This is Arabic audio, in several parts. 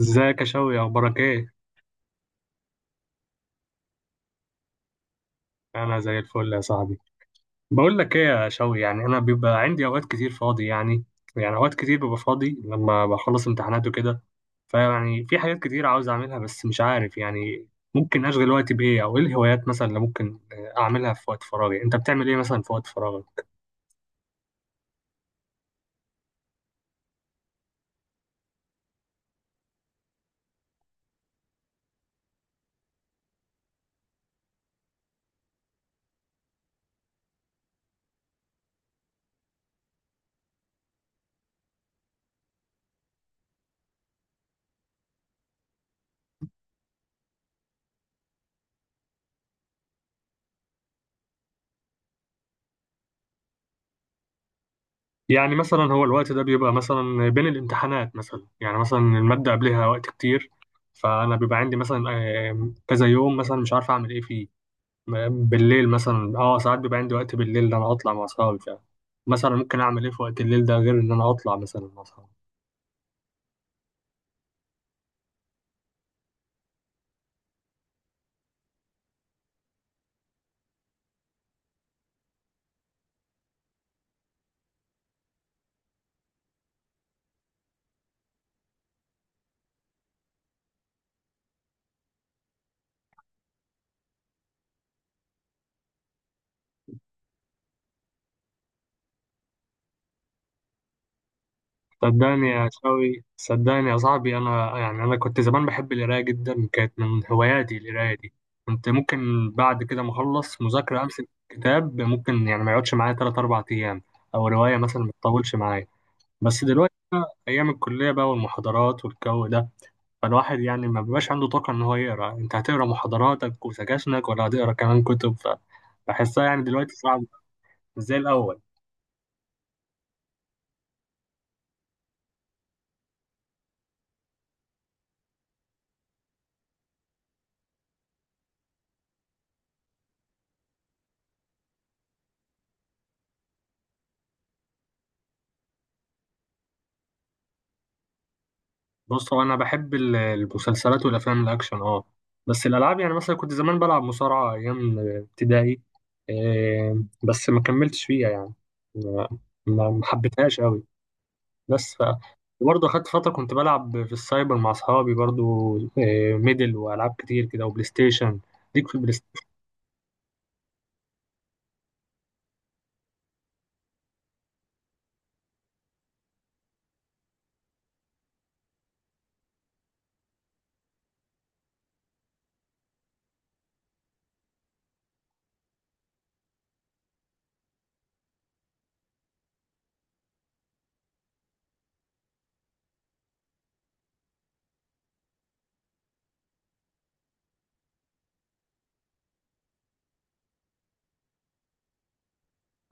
ازيك يا شوقي؟ اخبارك ايه؟ انا زي الفل يا صاحبي. بقول لك ايه يا شوقي، يعني انا بيبقى عندي اوقات كتير فاضي يعني. يعني اوقات كتير ببقى فاضي لما بخلص امتحانات وكده. فيعني في حاجات كتير عاوز اعملها بس مش عارف يعني. ممكن اشغل وقتي بايه، او ايه الهوايات مثلا اللي ممكن اعملها في وقت فراغي؟ انت بتعمل ايه مثلا في وقت فراغك؟ يعني مثلا هو الوقت ده بيبقى مثلا بين الامتحانات مثلا، يعني مثلا المادة قبلها وقت كتير، فانا بيبقى عندي مثلا كذا يوم مثلا مش عارف اعمل ايه فيه. بالليل مثلا اه ساعات بيبقى عندي وقت. بالليل ده انا هطلع مع اصحابي فعلا. مثلا ممكن اعمل ايه في وقت الليل ده غير ان انا اطلع مثلا مع اصحابي؟ صدقني يا شوي، صدقني يا صاحبي، انا يعني انا كنت زمان بحب القرايه جدا، كانت من هواياتي القرايه دي. كنت ممكن بعد كده ما اخلص مذاكره امسك كتاب ممكن يعني ما يقعدش معايا 3 4 ايام، او روايه مثلا ما تطولش معايا. بس دلوقتي ايام الكليه بقى والمحاضرات والجو ده، فالواحد يعني ما بيبقاش عنده طاقة إن هو يقرأ. أنت هتقرأ محاضراتك وسكاشنك ولا هتقرأ كمان كتب؟ فبحسها يعني دلوقتي صعب، مش زي الأول. بص هو أنا بحب المسلسلات والأفلام الأكشن أه. بس الألعاب يعني مثلا كنت زمان بلعب مصارعة أيام ابتدائي. إيه، بس ما كملتش فيها يعني. ما ما حبيتهاش أوي. بس ف، وبرضه أخدت فترة كنت بلعب في السايبر مع أصحابي برضه. إيه، ميدل وألعاب كتير كده وبلاي ستيشن. ليك في البلاي.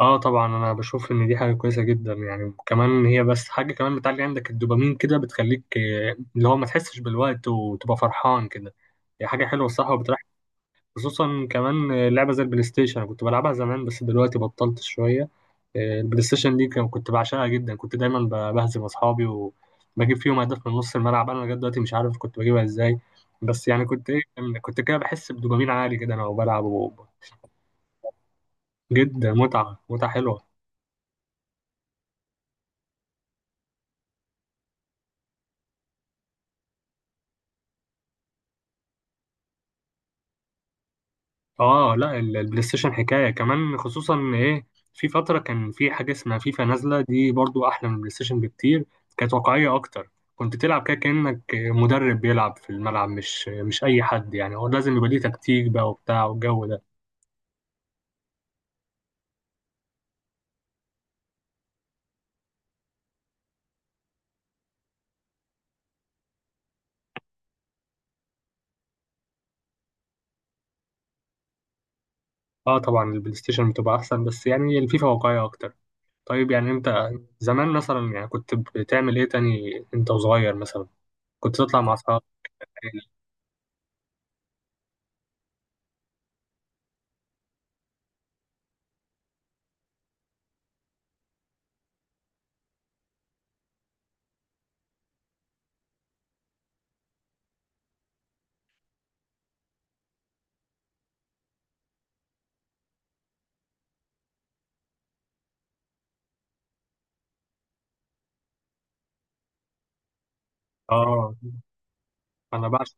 اه طبعا انا بشوف ان دي حاجه كويسه جدا، يعني كمان هي بس حاجه كمان بتعلي عندك الدوبامين كده، بتخليك اللي هو ما تحسش بالوقت وتبقى فرحان كده. هي حاجه حلوه الصراحه وبتريح. خصوصا كمان لعبه زي البلاي ستيشن أنا كنت بلعبها زمان بس دلوقتي بطلت شويه. البلاي ستيشن دي كنت بعشقها جدا، كنت دايما بهزم اصحابي وبجيب فيهم اهداف من نص الملعب، انا لغايه دلوقتي مش عارف كنت بجيبها ازاي. بس يعني كنت ايه، كنت كده بحس بدوبامين عالي كده انا وبلعب و- جدا، متعه، متعه حلوه. اه لا، البلاي ستيشن حكايه كمان خصوصا إن ايه، في فتره كان في حاجه اسمها فيفا نازله دي برضو احلى من البلاي ستيشن بكتير. كانت واقعيه اكتر، كنت تلعب كده كانك مدرب بيلعب في الملعب، مش اي حد يعني. هو لازم يبقى ليه تكتيك بقى وبتاع والجو ده. اه طبعا البلاي ستيشن بتبقى احسن، بس يعني الفيفا واقعيه اكتر. طيب يعني انت زمان مثلا يعني كنت بتعمل ايه تاني انت وصغير مثلا؟ كنت تطلع مع اصحابك؟ يعني اه انا بعشق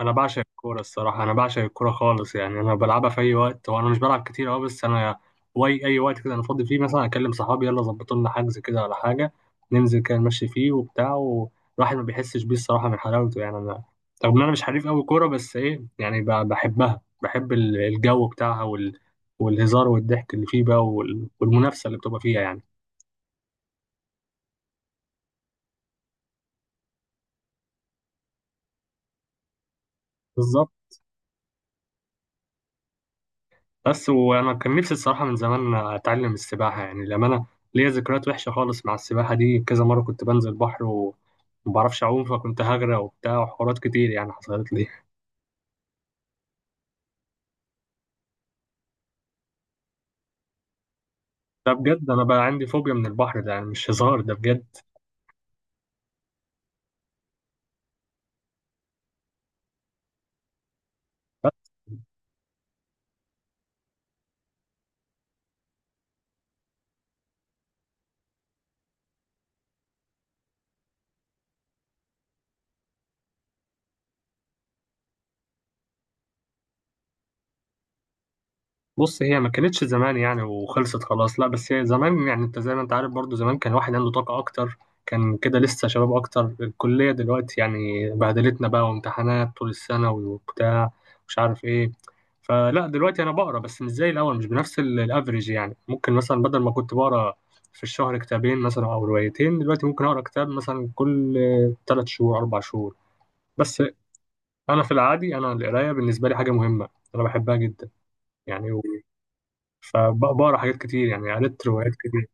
انا بعشق الكوره الصراحه، انا بعشق الكوره خالص يعني. انا بلعبها في اي وقت، وانا مش بلعب كتير اه، بس انا اي وقت كده انا فاضي فيه مثلا اكلم صحابي يلا ظبطوا لنا حجز كده ولا حاجه، ننزل كده نمشي فيه وبتاع، والواحد ما بيحسش بيه الصراحه من حلاوته يعني. انا رغم ان انا مش حريف قوي كوره بس ايه، يعني بحبها، بحب الجو بتاعها وال... والهزار والضحك اللي فيه بقى وال... والمنافسه اللي بتبقى فيها يعني. بس وانا كان نفسي الصراحه من زمان اتعلم السباحه، يعني لما انا ليا ذكريات وحشه خالص مع السباحه دي، كذا مره كنت بنزل بحر و- وما بعرفش اعوم، فكنت هغرق وبتاع وحوارات كتير يعني حصلت لي. ده بجد، انا بقى عندي فوبيا من البحر ده، يعني مش هزار ده بجد. بص هي ما كانتش زمان يعني وخلصت خلاص لا، بس هي زمان يعني انت زي ما انت عارف برضو، زمان كان واحد عنده طاقة اكتر، كان كده لسه شباب اكتر. الكلية دلوقتي يعني بهدلتنا بقى، وامتحانات طول السنة وبتاع، مش عارف ايه. فلا دلوقتي انا بقرا بس مش زي الاول، مش بنفس الافريج. يعني ممكن مثلا بدل ما كنت بقرا في الشهر كتابين مثلا او روايتين، دلوقتي ممكن اقرا كتاب مثلا كل ثلاث شهور، اربع شهور. بس انا في العادي انا القرايه بالنسبه لي حاجه مهمه، انا بحبها جدا يعني. فبقرا حاجات كتير، يعني قريت روايات كتير.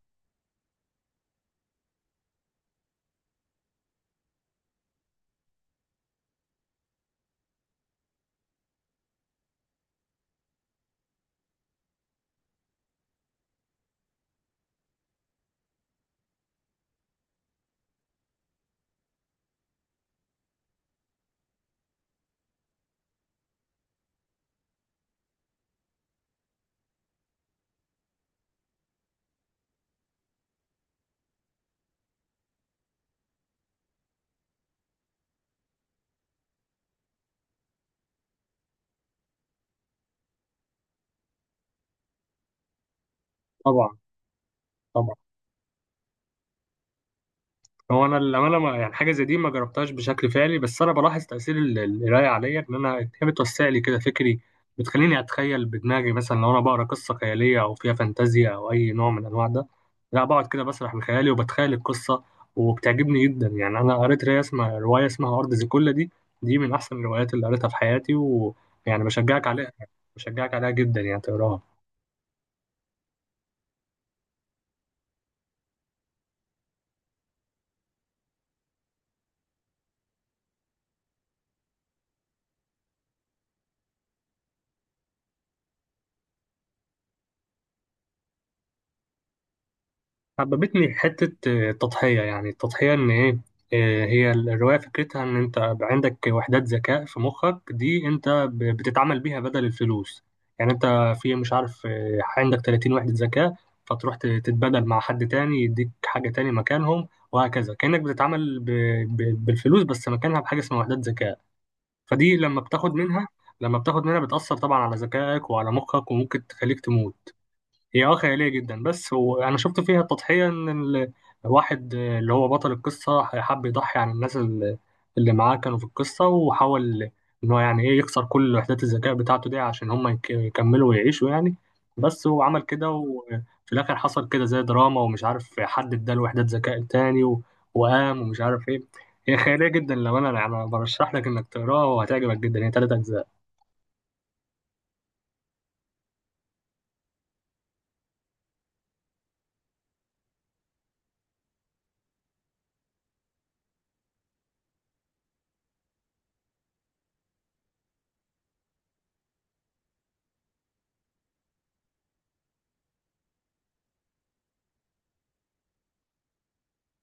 طبعا. طبعا. هو انا الامانه ما يعني حاجه زي دي ما جربتهاش بشكل فعلي، بس انا بلاحظ تاثير القرايه عليا، ان انا هي بتوسع لي كده فكري، بتخليني اتخيل بدماغي. مثلا لو انا بقرا قصه خياليه او فيها فانتازيا او اي نوع من انواع ده، لا بقعد كده بسرح بخيالي وبتخيل القصه وبتعجبني جدا. يعني انا قريت روايه اسمها ارض زيكولا دي. دي من احسن الروايات اللي قريتها في حياتي، ويعني بشجعك عليها، بشجعك عليها جدا يعني تقراها. حببتني حتة التضحية. يعني التضحية إن إيه، هي الرواية فكرتها إن أنت بقى عندك وحدات ذكاء في مخك دي، أنت بتتعامل بيها بدل الفلوس. يعني أنت في مش عارف عندك 30 وحدة ذكاء، فتروح تتبادل مع حد تاني يديك حاجة تاني مكانهم، وهكذا كأنك بتتعامل بالفلوس بس مكانها بحاجة اسمها وحدات ذكاء. فدي لما بتاخد منها، لما بتاخد منها بتأثر طبعا على ذكائك وعلى مخك وممكن تخليك تموت. هي اه خيالية جدا بس هو أنا شفت فيها تضحية، إن الواحد اللي هو بطل القصة حب يضحي عن الناس اللي معاه كانوا في القصة، وحاول إن هو يعني إيه يخسر كل وحدات الذكاء بتاعته دي عشان هما يكملوا ويعيشوا يعني. بس هو عمل كده، وفي الآخر حصل كده زي دراما ومش عارف، حد اداله وحدات ذكاء تاني و- وقام ومش عارف إيه. هي خيالية جدا، لو أنا يعني برشح لك إنك تقراها وهتعجبك جدا. هي تلات أجزاء.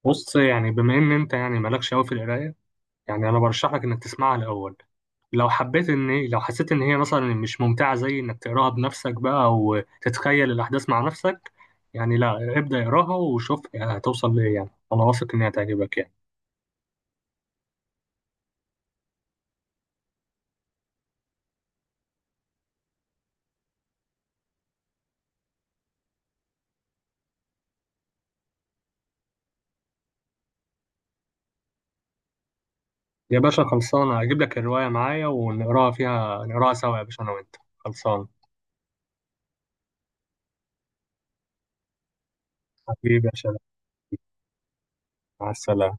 بص يعني بما إن أنت يعني مالكش أوي في القراية، يعني انا برشح لك انك تسمعها الاول، لو حبيت ان لو حسيت ان هي مثلا مش ممتعه زي انك تقراها بنفسك بقى وتتخيل الاحداث مع نفسك يعني، لا ابدا، اقراها وشوف هتوصل لايه. يعني انا واثق انها هتعجبك يعني. يا باشا خلصانه، اجيب لك الروايه معايا ونقراها فيها، نقراها سوا يا باشا، انا وانت خلصان. حبيبي يا شباب. مع السلامه.